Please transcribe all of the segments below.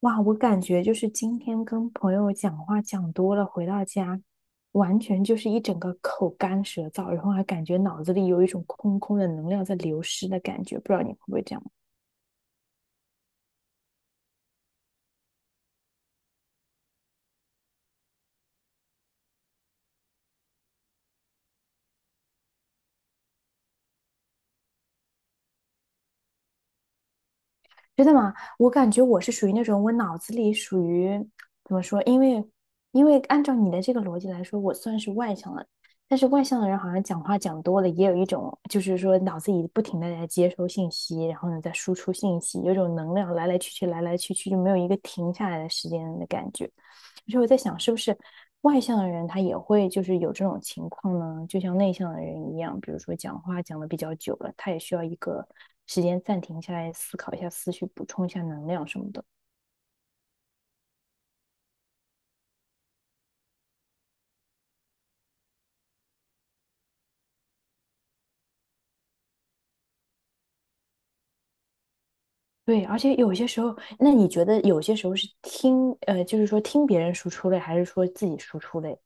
哇，我感觉就是今天跟朋友讲话讲多了，回到家完全就是一整个口干舌燥，然后还感觉脑子里有一种空空的能量在流失的感觉，不知道你会不会这样？真的吗？我感觉我是属于那种，我脑子里属于怎么说？因为按照你的这个逻辑来说，我算是外向的，但是外向的人好像讲话讲多了，也有一种就是说脑子里不停的在接收信息，然后呢在输出信息，有一种能量来来去去，来来去去，就没有一个停下来的时间的感觉。所以我在想，是不是外向的人他也会就是有这种情况呢？就像内向的人一样，比如说讲话讲的比较久了，他也需要一个时间暂停下来，思考一下思绪，补充一下能量什么的。对，而且有些时候，那你觉得有些时候是听，就是说听别人输出类，还是说自己输出类？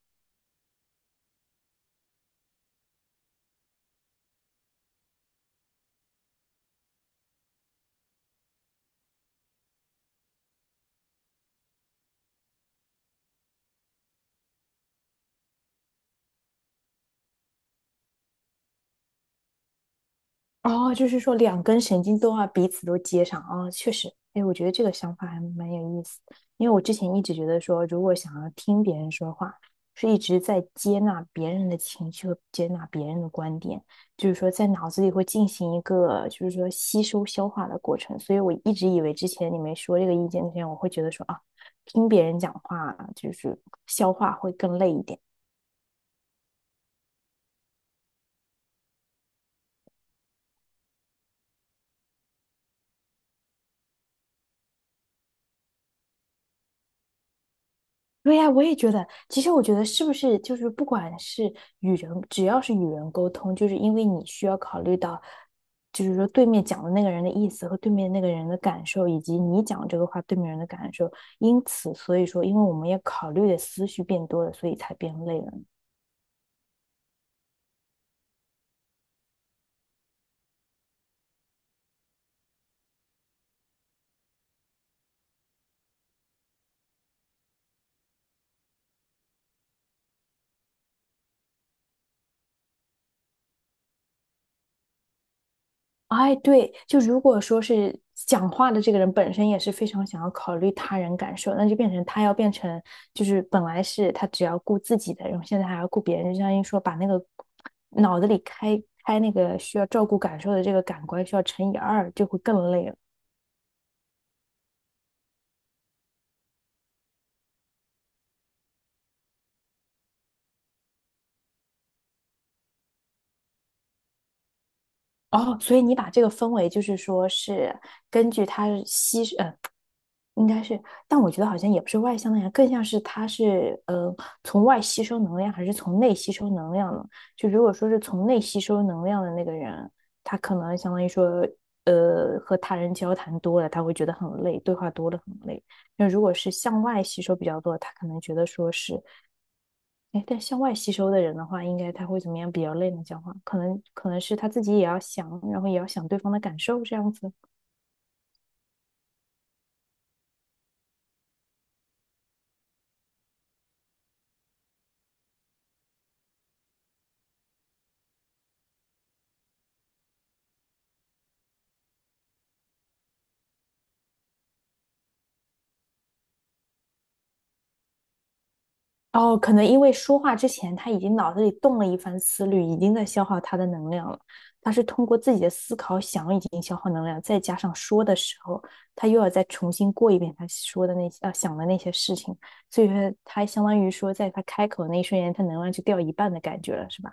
哦，就是说两根神经都要彼此都接上啊，哦确实，哎，我觉得这个想法还蛮有意思，因为我之前一直觉得说，如果想要听别人说话，是一直在接纳别人的情绪和接纳别人的观点，就是说在脑子里会进行一个就是说吸收消化的过程，所以我一直以为之前你没说这个意见之前，我会觉得说啊，听别人讲话就是消化会更累一点。对呀，我也觉得。其实我觉得，是不是就是不管是与人，只要是与人沟通，就是因为你需要考虑到，就是说对面讲的那个人的意思和对面那个人的感受，以及你讲这个话对面人的感受。因此，所以说，因为我们要考虑的思绪变多了，所以才变累了。哎，对，就如果说是讲话的这个人本身也是非常想要考虑他人感受，那就变成他要变成就是本来是他只要顾自己的，然后现在还要顾别人，就相当于说把那个脑子里开开那个需要照顾感受的这个感官需要乘以二，就会更累了。哦，所以你把这个分为就是说是根据他吸，应该是，但我觉得好像也不是外向的样，更像是他是从外吸收能量，还是从内吸收能量呢？就如果说是从内吸收能量的那个人，他可能相当于说，和他人交谈多了，他会觉得很累，对话多了很累。那如果是向外吸收比较多，他可能觉得说是，哎，但向外吸收的人的话，应该他会怎么样比较累呢？讲话可能是他自己也要想，然后也要想对方的感受这样子。哦，可能因为说话之前他已经脑子里动了一番思虑，已经在消耗他的能量了。他是通过自己的思考想已经消耗能量，再加上说的时候，他又要再重新过一遍他说的那些想的那些事情，所以说他相当于说，在他开口那一瞬间，他能量就掉一半的感觉了，是吧？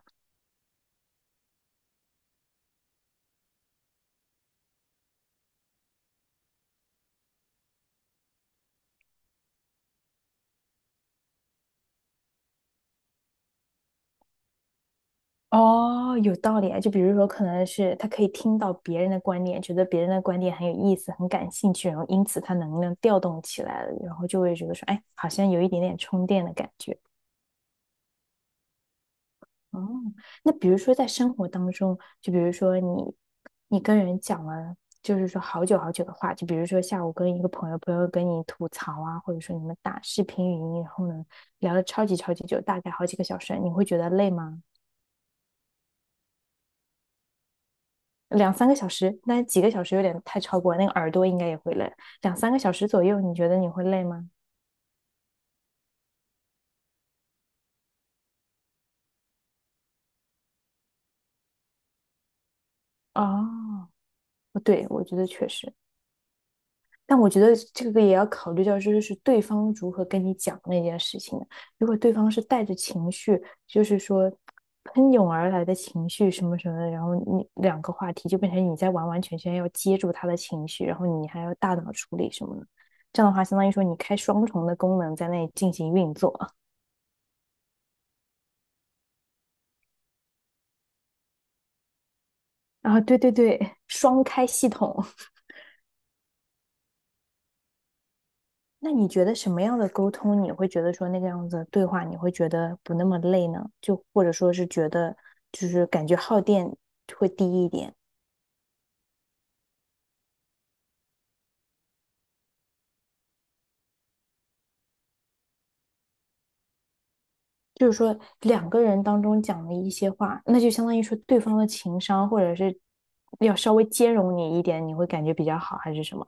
哦，有道理啊。就比如说，可能是他可以听到别人的观点，觉得别人的观点很有意思、很感兴趣，然后因此他能量调动起来了，然后就会觉得说，哎，好像有一点点充电的感觉。哦，那比如说在生活当中，就比如说你，你跟人讲了，就是说好久好久的话，就比如说下午跟一个朋友，朋友跟你吐槽啊，或者说你们打视频语音，然后呢聊了超级超级久，大概好几个小时，你会觉得累吗？两三个小时，那几个小时有点太超过了，那个耳朵应该也会累。两三个小时左右，你觉得你会累吗？哦，对，我觉得确实。但我觉得这个也要考虑到，就是对方如何跟你讲那件事情的。如果对方是带着情绪，就是说喷涌而来的情绪什么什么的，然后你两个话题就变成你在完完全全要接住他的情绪，然后你还要大脑处理什么的。这样的话，相当于说你开双重的功能在那里进行运作。啊，对对对，双开系统。那你觉得什么样的沟通你会觉得说那个样子的对话你会觉得不那么累呢？就或者说是觉得就是感觉耗电会低一点，就是说两个人当中讲的一些话，那就相当于说对方的情商或者是要稍微兼容你一点，你会感觉比较好还是什么？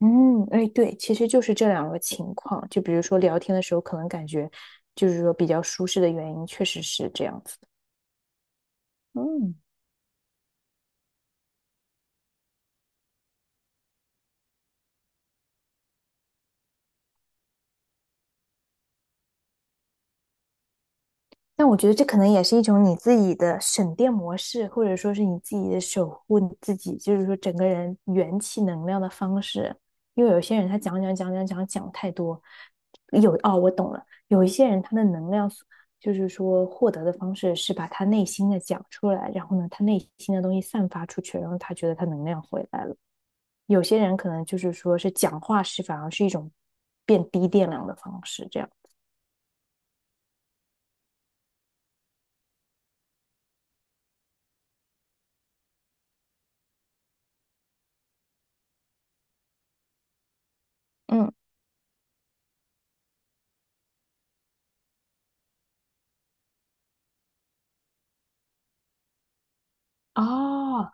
嗯，哎，对，其实就是这两个情况，就比如说聊天的时候可能感觉就是说比较舒适的原因，确实是这样子的嗯，但我觉得这可能也是一种你自己的省电模式，或者说是你自己的守护你自己，就是说整个人元气能量的方式。因为有些人他讲讲讲讲讲讲太多，哦，我懂了，有一些人他的能量就是说获得的方式是把他内心的讲出来，然后呢，他内心的东西散发出去，然后他觉得他能量回来了。有些人可能就是说是讲话是反而是一种变低电量的方式，这样，嗯。哦，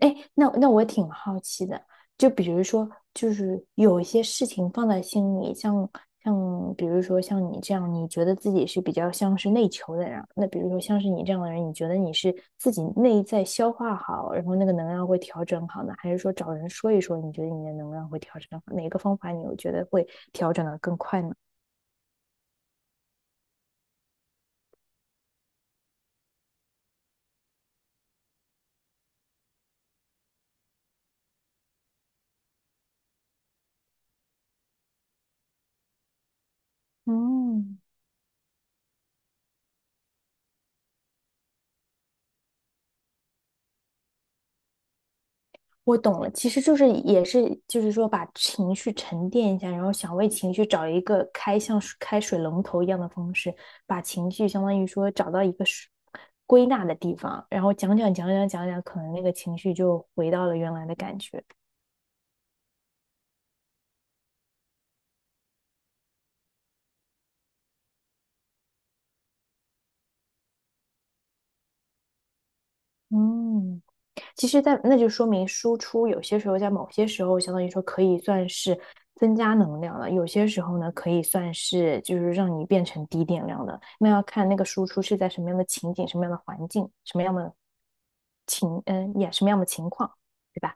哎，那我挺好奇的，就比如说，就是有一些事情放在心里，像比如说像你这样，你觉得自己是比较像是内求的人，那比如说像是你这样的人，你觉得你是自己内在消化好，然后那个能量会调整好呢，还是说找人说一说，你觉得你的能量会调整好？哪个方法你有觉得会调整的更快呢？嗯。我懂了，其实就是也是就是说把情绪沉淀一下，然后想为情绪找一个开像是开水龙头一样的方式，把情绪相当于说找到一个水归纳的地方，然后讲讲讲讲讲讲，可能那个情绪就回到了原来的感觉。嗯，其实在，那就说明输出有些时候在某些时候，相当于说可以算是增加能量了；有些时候呢，可以算是就是让你变成低电量的。那要看那个输出是在什么样的情景、什么样的环境、什么样的情，嗯，也什么样的情况，对吧？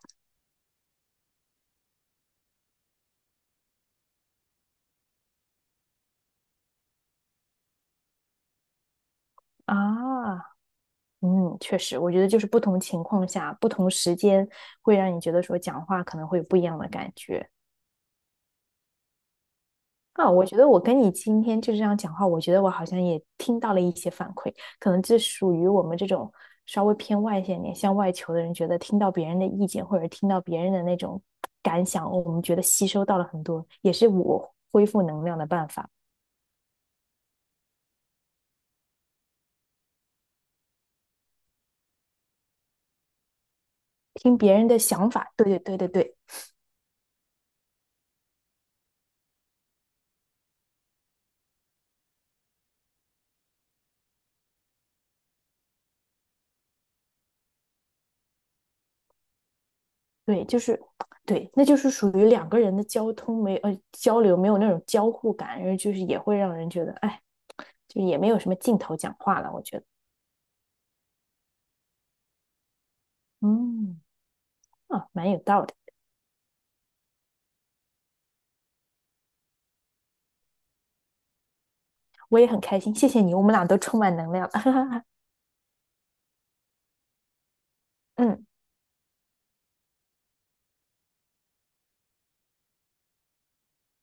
啊，嗯，确实，我觉得就是不同情况下、不同时间，会让你觉得说讲话可能会有不一样的感觉。啊，我觉得我跟你今天就这样讲话，我觉得我好像也听到了一些反馈，可能这属于我们这种稍微偏外向一点、向外求的人，觉得听到别人的意见或者听到别人的那种感想，我们觉得吸收到了很多，也是我恢复能量的办法。听别人的想法，对对对对对对，就是对，那就是属于两个人的交流没有那种交互感，然后就是也会让人觉得，哎，就也没有什么劲头讲话了，我觉得，嗯，啊，蛮有道理。我也很开心，谢谢你，我们俩都充满能量。嗯，